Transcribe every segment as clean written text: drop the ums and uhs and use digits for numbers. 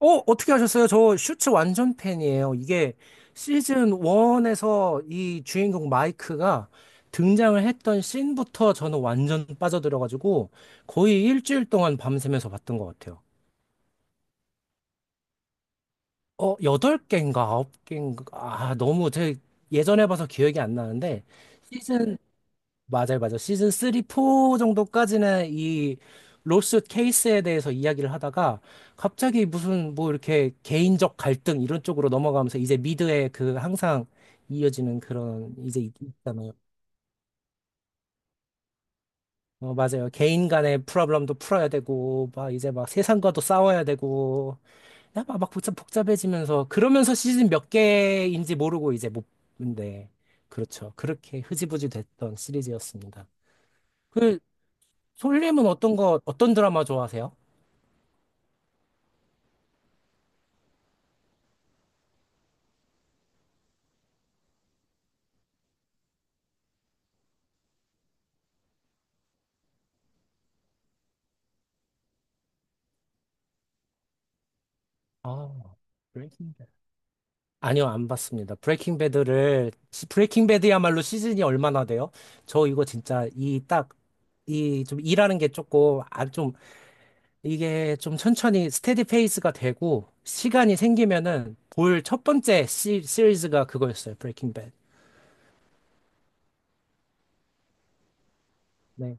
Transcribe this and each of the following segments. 어, 어떻게 하셨어요? 저 슈츠 완전 팬이에요. 이게 시즌 1에서 이 주인공 마이크가 등장을 했던 씬부터 저는 완전 빠져들어가지고 거의 일주일 동안 밤새면서 봤던 것 같아요. 어, 8개인가 9개인가. 아, 너무 제 예전에 봐서 기억이 안 나는데 시즌, 맞아요, 맞아요. 시즌 3, 4 정도까지는 이 로스 케이스에 대해서 이야기를 하다가 갑자기 무슨 뭐 이렇게 개인적 갈등 이런 쪽으로 넘어가면서 이제 미드에 그 항상 이어지는 그런 이제 있잖아요. 어, 맞아요. 개인 간의 프로블럼도 풀어야 되고 막 이제 막 세상과도 싸워야 되고 야, 막 복잡해지면서 그러면서 시즌 몇 개인지 모르고 이제 못 근데 그렇죠. 그렇게 흐지부지 됐던 시리즈였습니다. 그 솔님은 어떤 거, 어떤 드라마 좋아하세요? 아, 브레이킹 배드. 아니요, 안 봤습니다. 브레이킹 배드야말로 시즌이 얼마나 돼요? 저 이거 진짜 이 딱, 이 좀 일하는 게 조금, 아, 좀, 이게 좀 천천히 스테디 페이스가 되고, 시간이 생기면은 볼 첫 번째 시리즈가 그거였어요. 브레이킹 배드. 네.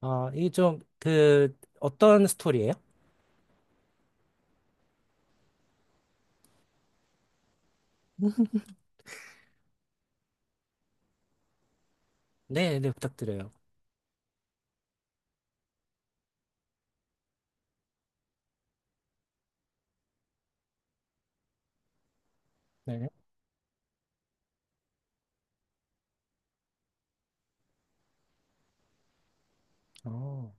아, 이 좀, 그, 어떤 스토리예요? 네, 네, 부탁드려요. 네. 어,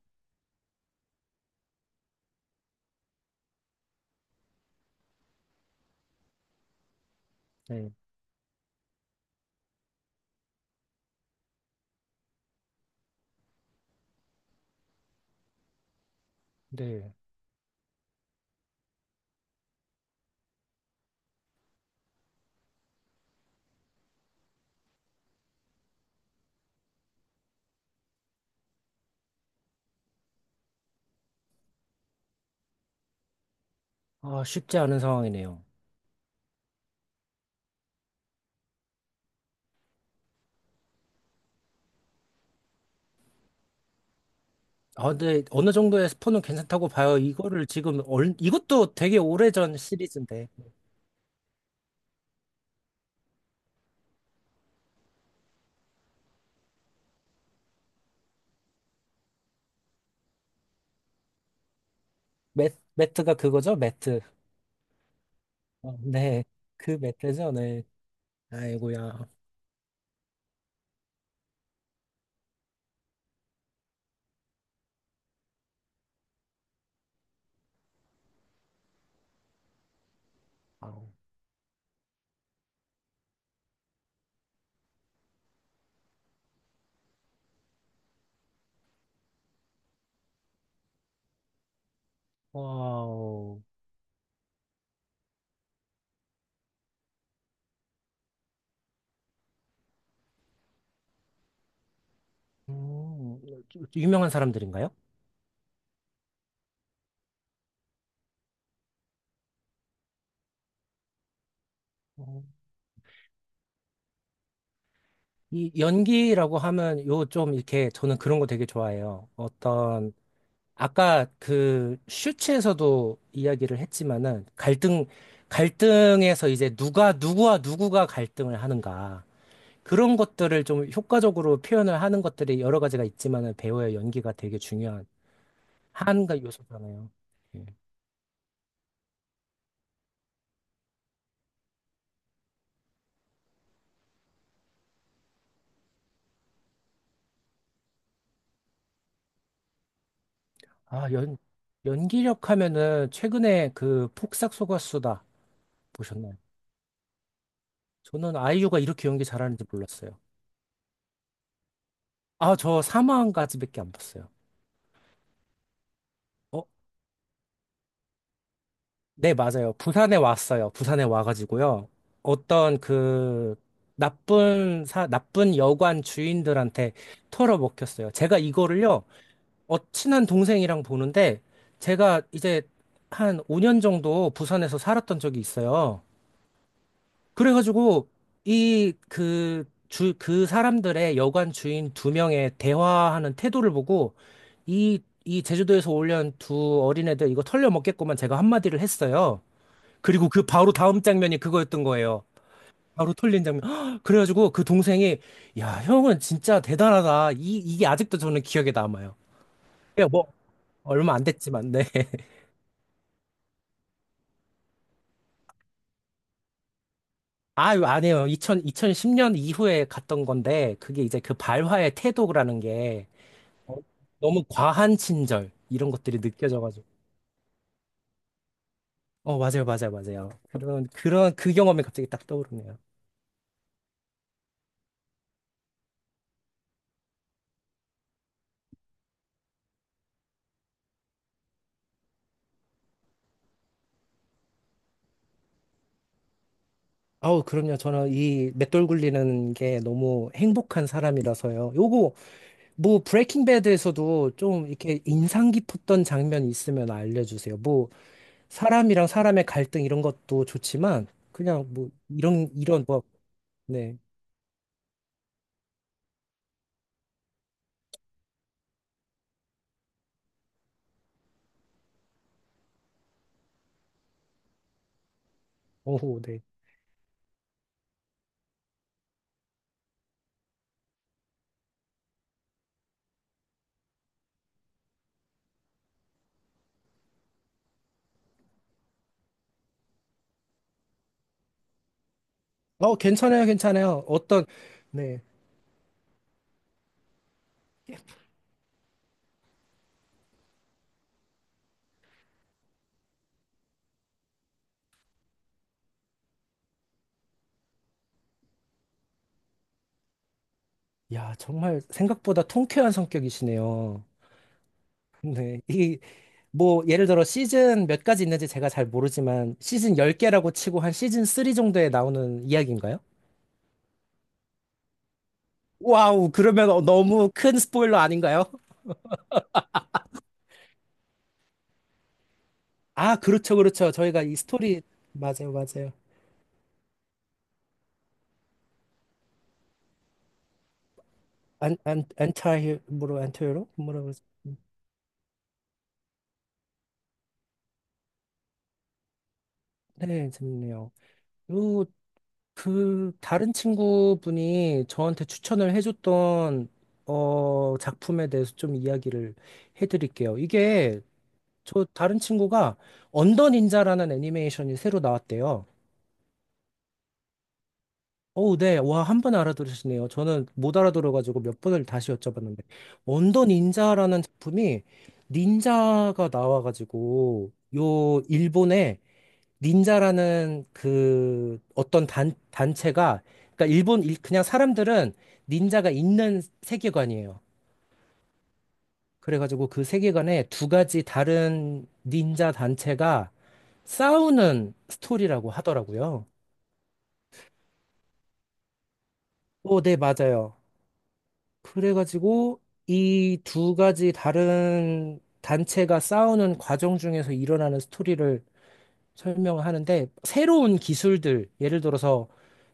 네. 네. 아, 쉽지 않은 상황이네요. 아, 근데 어느 정도의 스포는 괜찮다고 봐요. 이거를 지금 얼, 이것도 되게 오래전 시리즈인데 매트가 그거죠? 매트. 어, 네, 그 매트죠. 네. 아이고야. 아우. 와우. 음, 유명한 사람들인가요? 어, 이 연기라고 하면 요 좀 이렇게 저는 그런 거 되게 좋아해요. 어떤 아까 그 슈츠에서도 이야기를 했지만은 갈등에서 이제 누가 누구와 누구가 갈등을 하는가. 그런 것들을 좀 효과적으로 표현을 하는 것들이 여러 가지가 있지만은 배우의 연기가 되게 중요한 한가 요소잖아요. 예. 아, 연기력 하면은 최근에 그 폭삭 속았수다 보셨나요? 저는 아이유가 이렇게 연기 잘하는지 몰랐어요. 아, 저 사망까지밖에 안 봤어요. 어? 네, 맞아요. 부산에 왔어요. 부산에 와가지고요. 어떤 그 나쁜 여관 주인들한테 털어먹혔어요. 제가 이거를요. 어, 친한 동생이랑 보는데 제가 이제 한 5년 정도 부산에서 살았던 적이 있어요. 그래가지고 이 그 그 사람들의 여관 주인 두 명의 대화하는 태도를 보고 이 제주도에서 올려온 두 어린애들 이거 털려먹겠구만 제가 한마디를 했어요. 그리고 그 바로 다음 장면이 그거였던 거예요. 바로 털린 장면. 그래가지고 그 동생이 야, 형은 진짜 대단하다. 이게 아직도 저는 기억에 남아요. 그냥 뭐 얼마 안 됐지만, 네. 아유, 안 해요. 2 0 2010년 이후에 갔던 건데, 그게 이제 그 발화의 태도라는 게 어, 너무 과한 친절, 이런 것들이 느껴져가지고. 어, 맞아요, 맞아요, 맞아요. 그 경험이 갑자기 딱 떠오르네요. 아우, 그럼요. 저는 이 맷돌 굴리는 게 너무 행복한 사람이라서요. 요거, 뭐, 브레이킹 배드에서도 좀 이렇게 인상 깊었던 장면이 있으면 알려주세요. 뭐, 사람이랑 사람의 갈등 이런 것도 좋지만, 그냥 뭐, 뭐, 네. 오호, 네. 어, 괜찮아요, 괜찮아요. 어떤, 네. 야, 정말 생각보다 통쾌한 성격이시네요. 네. 이, 뭐, 예를 들어 시즌 몇 가지 있는지 제가 잘 모르지만, 시즌 10개라고 치고 한 시즌 3 정도에 나오는 이야기인가요? 와우, 그러면 어, 너무 큰 스포일러 아닌가요? 아, 그렇죠, 그렇죠. 저희가 이 스토리, 맞아요, 맞아요. 안, 안, 안타, 히로 안타 히로 뭐라고, 그러지? 네, 재밌네요. 그 다른 친구분이 저한테 추천을 해줬던 어 작품에 대해서 좀 이야기를 해드릴게요. 이게 저 다른 친구가 언더 닌자라는 애니메이션이 새로 나왔대요. 어 네. 와, 한 번 알아들으시네요. 저는 못 알아들어가지고 몇 번을 다시 여쭤봤는데. 언더 닌자라는 작품이 닌자가 나와가지고 요 일본에 닌자라는 그 어떤 단체가, 그러니까 그냥 사람들은 닌자가 있는 세계관이에요. 그래가지고 그 세계관에 두 가지 다른 닌자 단체가 싸우는 스토리라고 하더라고요. 오, 네, 맞아요. 그래가지고 이 두 가지 다른 단체가 싸우는 과정 중에서 일어나는 스토리를 설명을 하는데, 새로운 기술들, 예를 들어서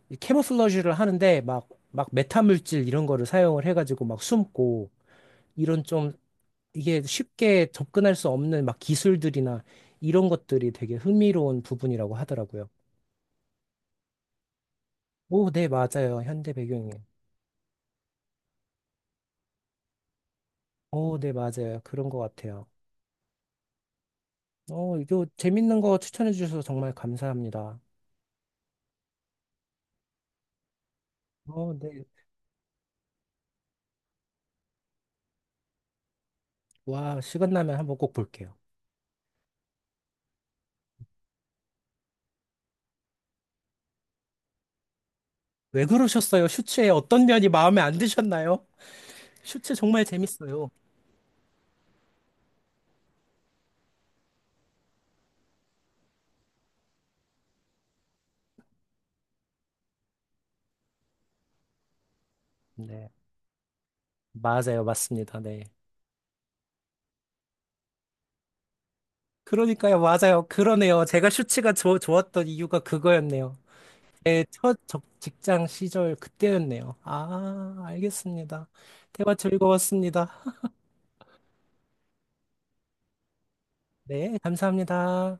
이 캐모플러지를 하는데 막 메타물질 이런 거를 사용을 해가지고 막 숨고 이런 좀 이게 쉽게 접근할 수 없는 막 기술들이나 이런 것들이 되게 흥미로운 부분이라고 하더라고요. 오, 네, 맞아요. 현대 배경이. 오, 네, 맞아요. 그런 것 같아요. 어, 이거 재밌는 거 추천해 주셔서 정말 감사합니다. 어, 네. 와, 시간 나면 한번 꼭 볼게요. 왜 그러셨어요? 슈츠의 어떤 면이 마음에 안 드셨나요? 슈츠 정말 재밌어요. 네. 맞아요. 맞습니다. 네. 그러니까요, 맞아요. 그러네요. 제가 슈츠가 좋 좋았던 이유가 그거였네요. 제 첫 직장 시절 그때였네요. 아, 알겠습니다. 대화 즐거웠습니다. 네, 감사합니다.